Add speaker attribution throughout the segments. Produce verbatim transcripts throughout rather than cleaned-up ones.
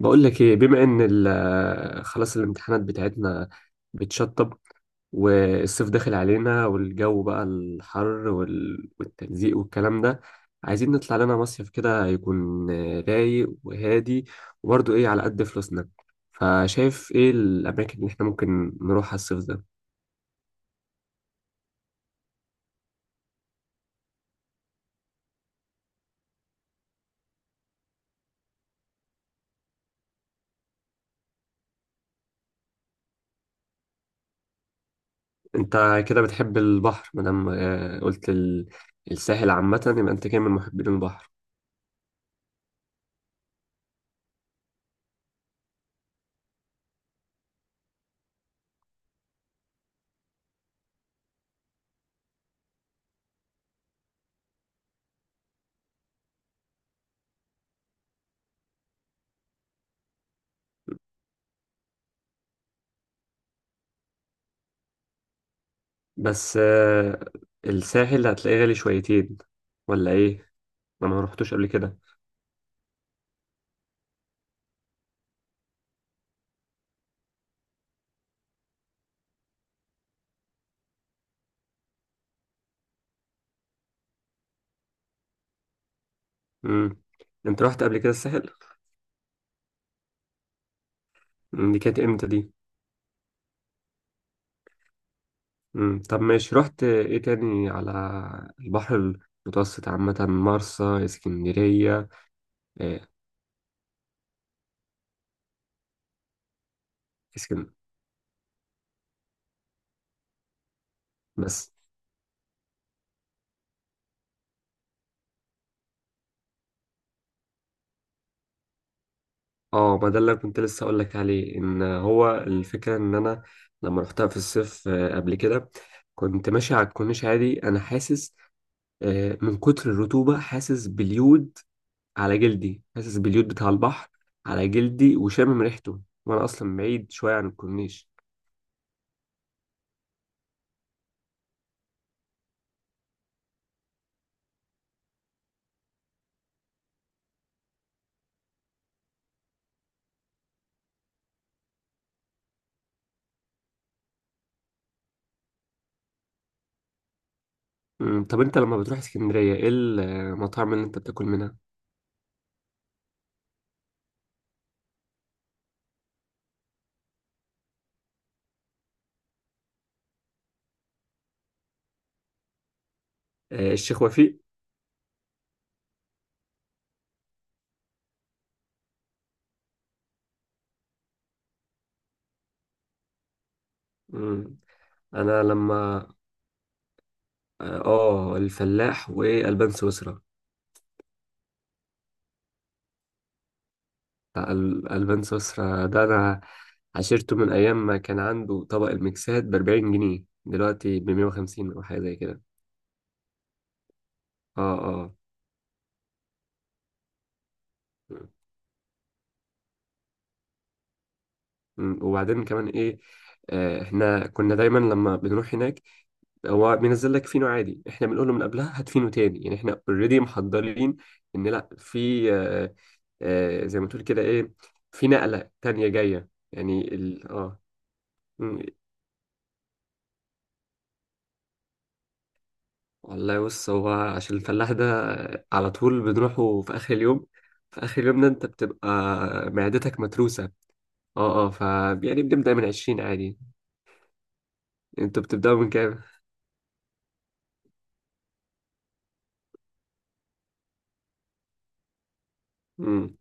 Speaker 1: بقول لك ايه، بما ان ال- خلاص الامتحانات بتاعتنا بتشطب، والصيف داخل علينا والجو بقى الحر وال- والتلزيق والكلام ده. عايزين نطلع لنا مصيف كده يكون رايق وهادي، وبرضه ايه على قد فلوسنا. فشايف ايه الاماكن اللي احنا ممكن نروحها الصيف ده؟ انت كده بتحب البحر، مادام آه، قلت ال- الساحل عامة، يبقى انت كده من محبين البحر. بس آه، الساحل هتلاقيه غالي شويتين ولا ايه؟ انا ما رحتش قبل كده. امم، انت رحت قبل كده الساحل؟ مم، دي كانت امتى دي؟ امم، طب ماشي، رحت ايه تاني؟ على البحر المتوسط عامة، مرسى، اسكندرية. إيه؟ اسكن بس. اه، ما ده اللي كنت لسه اقول لك عليه، ان هو الفكرة ان انا لما رحتها في الصيف آه، قبل كده، كنت ماشي على الكورنيش عادي، انا حاسس آه، من كتر الرطوبة حاسس باليود على جلدي، حاسس باليود بتاع البحر على جلدي وشامم ريحته، وانا اصلا بعيد شويه عن الكورنيش. أمم، طب انت لما بتروح اسكندريه ايه المطاعم اللي انت بتاكل منها؟ آه، الشيخ وفيق. أمم، انا لما اه، آه، الفلاح والبان سويسرا. بتاع ال- البان سويسرا ده انا عشرته من ايام ما كان عنده طبق المكسات ب أربعين جنيه، دلوقتي ب مية وخمسين او حاجه زي كده. اه اه. مم. وبعدين كمان ايه؟ آه، احنا كنا دايما لما بنروح هناك هو بينزل لك فينو عادي، احنا بنقول له من قبلها هات فينو تاني، يعني احنا اوريدي محضرين ان لا في آه، آه، زي ما تقول كده، ايه، في نقلة تانية جاية يعني ال... اه مم. والله بص، هو عشان الفلاح ده على طول بنروحه في اخر اليوم، في اخر اليوم ده انت بتبقى معدتك متروسة. اه اه، ف يعني بنبدأ من عشرين عادي. انتوا بتبدأوا من كام؟ مم.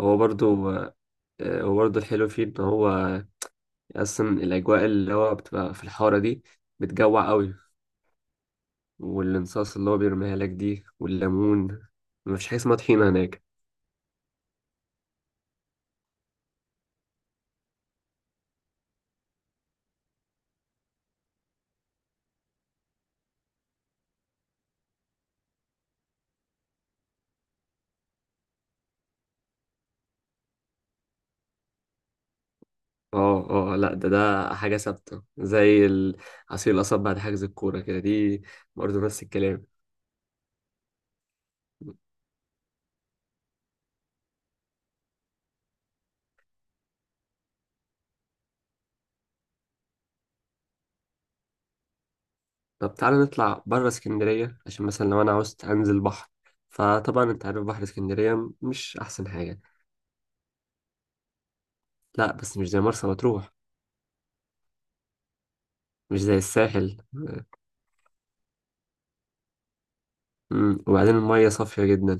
Speaker 1: هو برضو آه، وبرضه الحلو فيه إن هو أصلا الأجواء اللي هو بتبقى في الحارة دي بتجوع قوي، والانصاص اللي هو بيرميها لك دي والليمون، مفيش حاجة اسمها طحينة هناك. اه اه، لا ده ده حاجة ثابتة زي ال- عصير القصب بعد حجز الكورة كده، دي برضه نفس الكلام. طب تعالى نطلع بره اسكندرية، عشان مثلا لو أنا عاوزت أنزل بحر، فطبعا أنت عارف بحر اسكندرية مش أحسن حاجة. لا بس مش زي مرسى مطروح، مش زي الساحل. مم. وبعدين المية صافية جدا.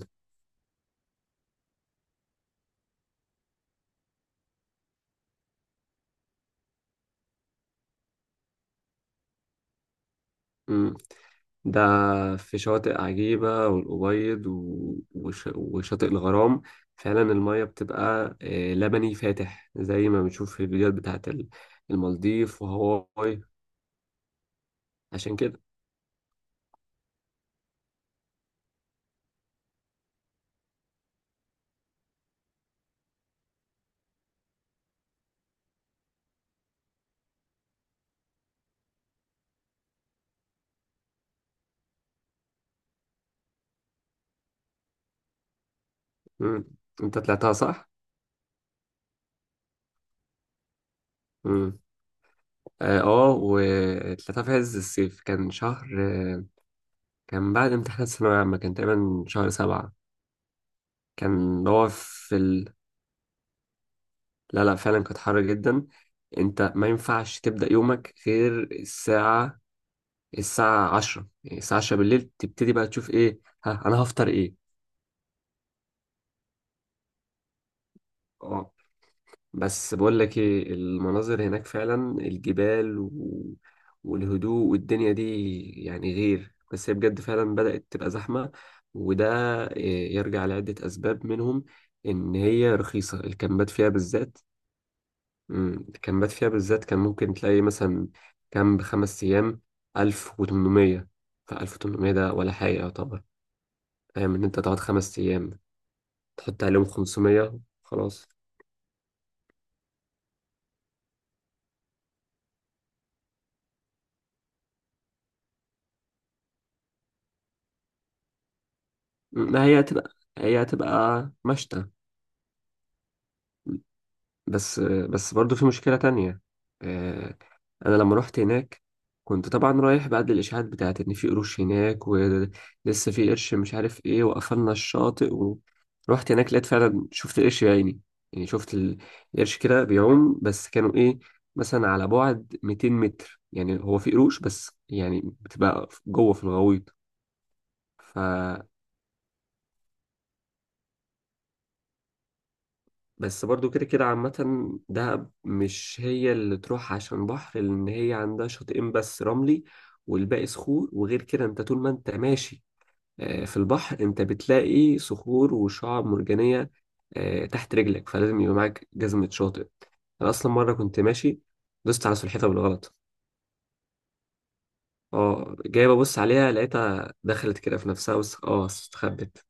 Speaker 1: مم. ده في شواطئ عجيبة، والأبيض و- وش... وشاطئ الغرام، فعلا المية بتبقى آه، لبني فاتح زي ما بنشوف في الفيديوهات بتاعت ال- المالديف وهاواي. عشان كده. مم. انت طلعتها صح؟ مم. اه آه، وطلعتها في عز الصيف، كان شهر آه، كان بعد امتحانات الثانوية العامة، كان تقريبا شهر سبعة. كان هو في ال... لا لا، فعلا كانت حر جدا. انت ما ينفعش تبدأ يومك غير الساعة، الساعة عشرة، يعني الساعة عشرة بالليل تبتدي بقى تشوف ايه، ها أنا هفطر ايه. اه. بس بقول لك ايه، المناظر هناك فعلا الجبال و... والهدوء والدنيا دي، يعني غير. بس هي بجد فعلا بدأت تبقى زحمة، وده إيه، يرجع لعدة أسباب، منهم إن هي رخيصة، الكامبات فيها بالذات. مم، الكامبات فيها بالذات كان ممكن تلاقي مثلا كامب خمس أيام ألف وتمنمية، فألف وتمنمية ده ولا حاجة يعتبر، فاهم؟ إن أنت تقعد خمس أيام تحط عليهم خمسمية، خلاص. ما هي هتبقى، هي هتبقى مشتى. بس بس برضو في مشكلة تانية. آه، أنا لما رحت هناك كنت طبعا رايح بعد الإشاعات بتاعت إن في قروش هناك، ولسه في قرش مش عارف إيه، وقفلنا الشاطئ، ورحت هناك لقيت فعلا، شفت القرش بعيني، يعني شفت ال- القرش كده بيعوم، بس كانوا إيه، مثلا على بعد مائتين متر، يعني هو في قروش بس يعني بتبقى جوه في الغويط ف بس برضو كده كده عامة دهب مش هي اللي تروح عشان بحر، لأن هي عندها شاطئين بس رملي والباقي صخور، وغير كده أنت طول ما أنت ماشي آه، في البحر أنت بتلاقي صخور وشعاب مرجانية آه، تحت رجلك، فلازم يبقى معاك جزمة شاطئ. أنا أصلا مرة كنت ماشي، دوست على سلحفاة بالغلط، اه جاي ببص عليها لقيتها دخلت كده في نفسها، بس اه استخبت.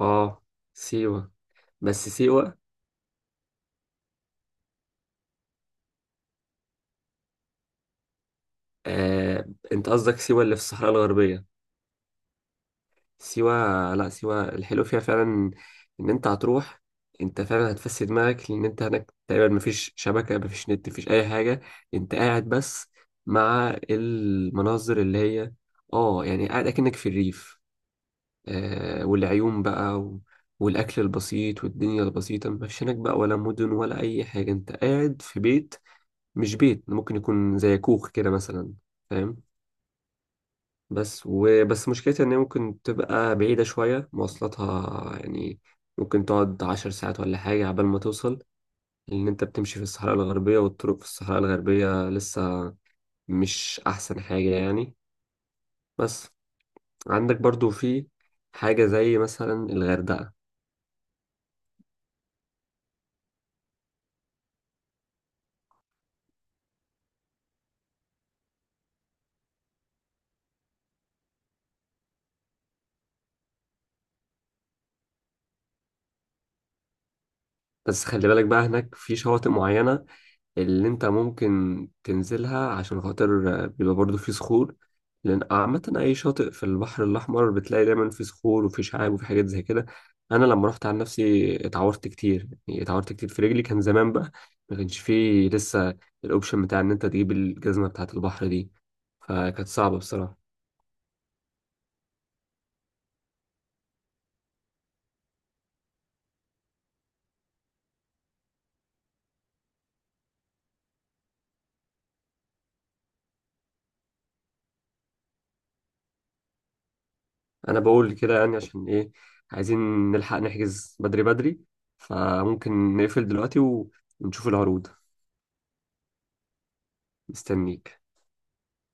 Speaker 1: اه سيوة. بس سيوة، آه، أنت قصدك سيوة اللي في الصحراء الغربية. سيوة، لا سيوة الحلو فيها فعلا ان انت هتروح، انت فعلا هتفسد دماغك، لان انت هناك تقريبا مفيش شبكة، مفيش نت، مفيش اي حاجة، انت قاعد بس مع المناظر اللي هي، اه، يعني قاعد اكنك في الريف. آه والعيون بقى و... والاكل البسيط والدنيا البسيطة، مفيش هناك بقى ولا مدن ولا اي حاجة، انت قاعد في بيت، مش بيت، ممكن يكون زي كوخ كده مثلا، فاهم؟ بس وبس مشكلتها ان هي ممكن تبقى بعيدة شوية، مواصلاتها يعني ممكن تقعد عشر ساعات ولا حاجة عبال ما توصل، لأن أنت بتمشي في الصحراء الغربية، والطرق في الصحراء الغربية لسه مش أحسن حاجة يعني. بس عندك برضو في حاجة زي مثلا الغردقة. بس خلي بالك بقى، هناك في شواطئ معينة اللي انت ممكن تنزلها، عشان خاطر آه، بيبقى برضو في صخور، لان عامة اي شاطئ في البحر الاحمر بتلاقي دايما في صخور وفي شعاب وفي حاجات زي كده. انا لما رحت عن نفسي اتعورت كتير، يعني اتعورت كتير في رجلي، كان زمان بقى، ما كانش فيه لسه الاوبشن بتاع ان انت تجيب الجزمة بتاعة البحر دي، فكانت صعبة بصراحة. انا بقول كده يعني عشان ايه، عايزين نلحق نحجز بدري بدري، فممكن نقفل دلوقتي ونشوف العروض. مستنيك.